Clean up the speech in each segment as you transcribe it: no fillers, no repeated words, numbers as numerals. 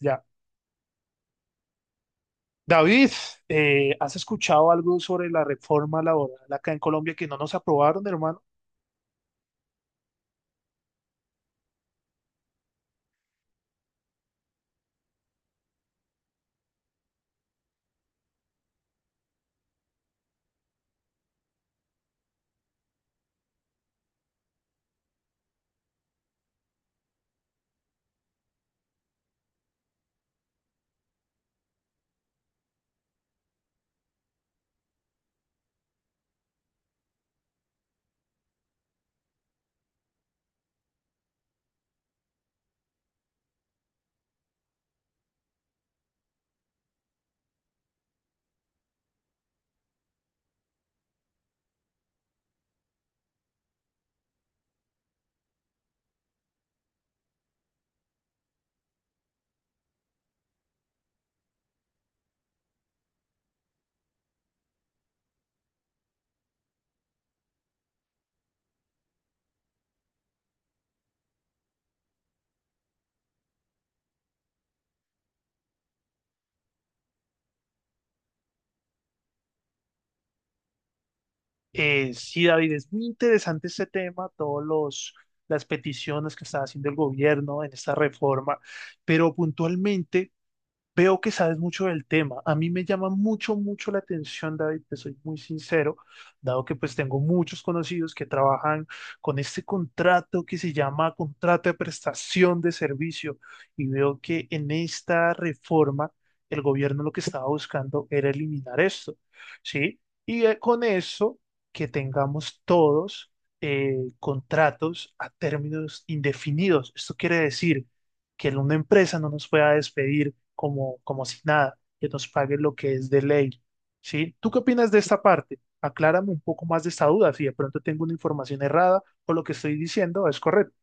Ya. David, ¿has escuchado algo sobre la reforma laboral acá en Colombia que no nos aprobaron, hermano? Sí, David, es muy interesante este tema, todos los las peticiones que está haciendo el gobierno en esta reforma, pero puntualmente veo que sabes mucho del tema. A mí me llama mucho, mucho la atención, David, te soy muy sincero, dado que pues tengo muchos conocidos que trabajan con este contrato que se llama contrato de prestación de servicio y veo que en esta reforma el gobierno lo que estaba buscando era eliminar esto, ¿sí? Y con eso que tengamos todos contratos a términos indefinidos. Esto quiere decir que una empresa no nos pueda despedir como, como si nada, que nos pague lo que es de ley, ¿sí? ¿Tú qué opinas de esta parte? Aclárame un poco más de esta duda, si de pronto tengo una información errada o lo que estoy diciendo es correcto.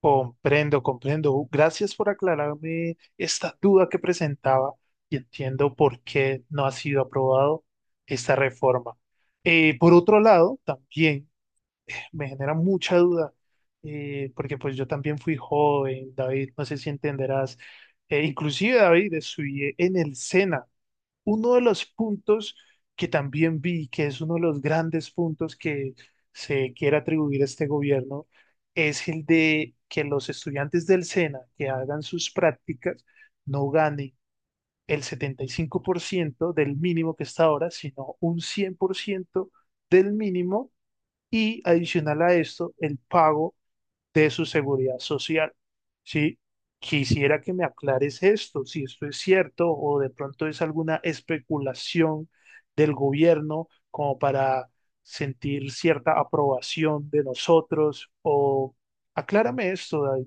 Comprendo, comprendo. Gracias por aclararme esta duda que presentaba y entiendo por qué no ha sido aprobado esta reforma. Por otro lado, también me genera mucha duda, porque pues yo también fui joven, David, no sé si entenderás. Inclusive David, estudié en el SENA, uno de los puntos que también vi, que es uno de los grandes puntos que se quiere atribuir a este gobierno, es el de que los estudiantes del SENA que hagan sus prácticas no ganen el 75% del mínimo que está ahora, sino un 100% del mínimo y adicional a esto, el pago de su seguridad social. ¿Sí? Quisiera que me aclares esto, si esto es cierto o de pronto es alguna especulación del gobierno como para sentir cierta aprobación de nosotros, o aclárame esto, David.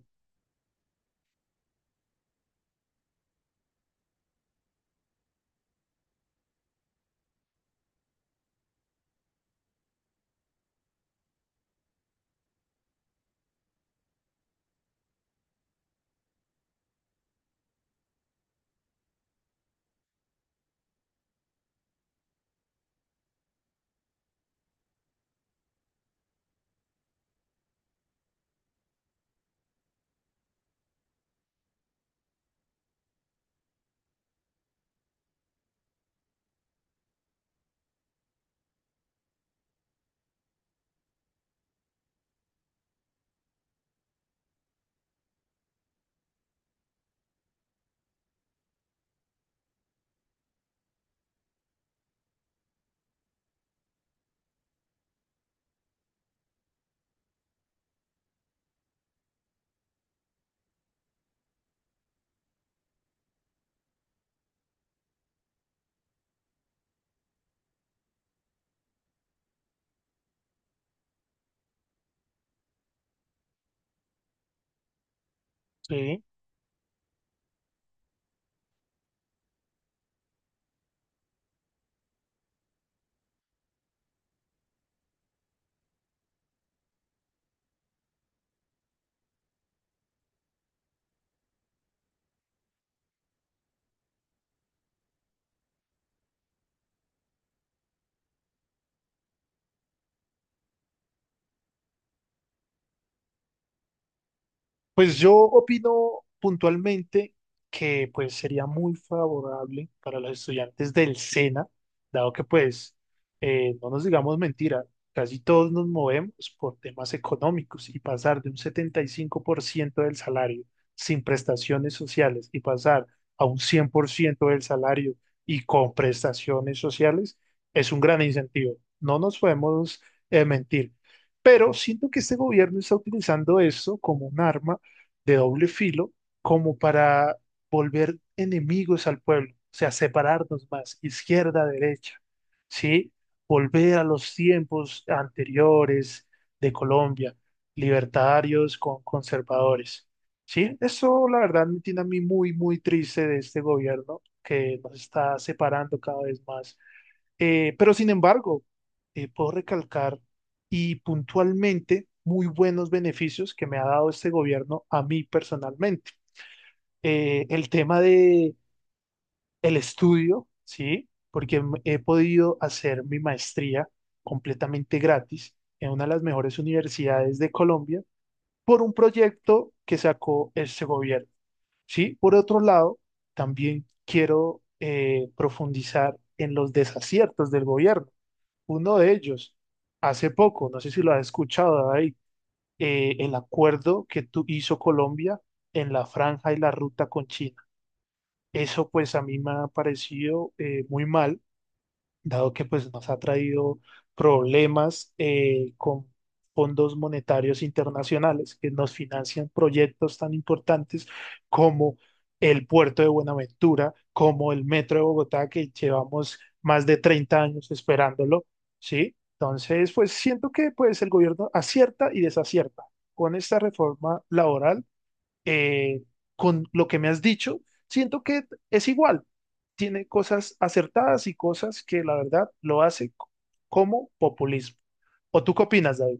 Sí, pues yo opino puntualmente que pues sería muy favorable para los estudiantes del SENA, dado que pues no nos digamos mentira, casi todos nos movemos por temas económicos y pasar de un 75% del salario sin prestaciones sociales y pasar a un 100% del salario y con prestaciones sociales es un gran incentivo. No nos podemos mentir. Pero siento que este gobierno está utilizando eso como un arma de doble filo como para volver enemigos al pueblo, o sea, separarnos más, izquierda, derecha, ¿sí? Volver a los tiempos anteriores de Colombia, libertarios con conservadores, ¿sí? Eso, la verdad, me tiene a mí muy, muy triste de este gobierno que nos está separando cada vez más, pero sin embargo, puedo recalcar y puntualmente muy buenos beneficios que me ha dado este gobierno a mí personalmente. El tema de el estudio, ¿sí? He podido hacer mi maestría completamente gratis en una de las mejores universidades de Colombia por un proyecto que sacó este gobierno, ¿sí? Por otro lado, también quiero profundizar en los desaciertos del gobierno, uno de ellos, hace poco, no sé si lo has escuchado, ahí, el acuerdo que hizo Colombia en la franja y la ruta con China. Eso pues a mí me ha parecido muy mal, dado que pues nos ha traído problemas con fondos monetarios internacionales que nos financian proyectos tan importantes como el puerto de Buenaventura, como el metro de Bogotá, que llevamos más de 30 años esperándolo, ¿sí? Entonces, pues siento que pues el gobierno acierta y desacierta. Con esta reforma laboral, eh, con lo que me has dicho, siento que es igual. Tiene cosas acertadas y cosas que la verdad lo hace como populismo. ¿O tú qué opinas, David?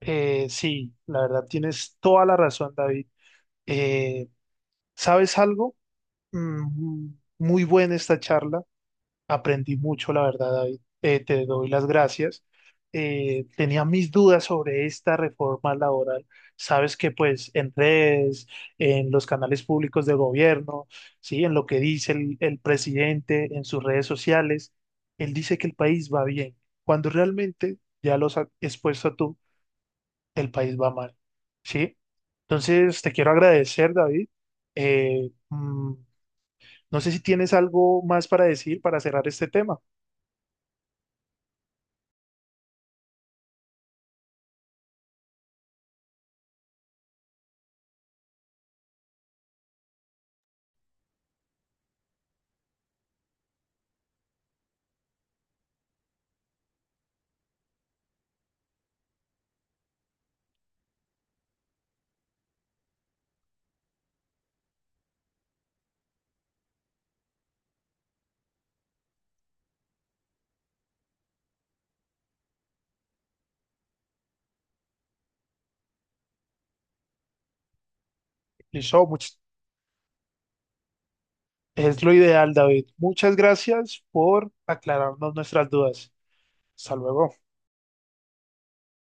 Sí, la verdad tienes toda la razón, David. Eh, ¿Sabes algo? Mm, muy buena esta charla. Aprendí mucho, la verdad, David. Te doy las gracias. Tenía mis dudas sobre esta reforma laboral. Sabes que pues en redes, en los canales públicos de gobierno, sí, en lo que dice el presidente, en sus redes sociales, él dice que el país va bien, cuando realmente, ya lo has expuesto tú, el país va mal, ¿sí? Entonces, te quiero agradecer, David. Mm, no sé si tienes algo más para decir para cerrar este tema. Listo, es lo ideal, David. Muchas gracias por aclararnos nuestras dudas. Hasta luego.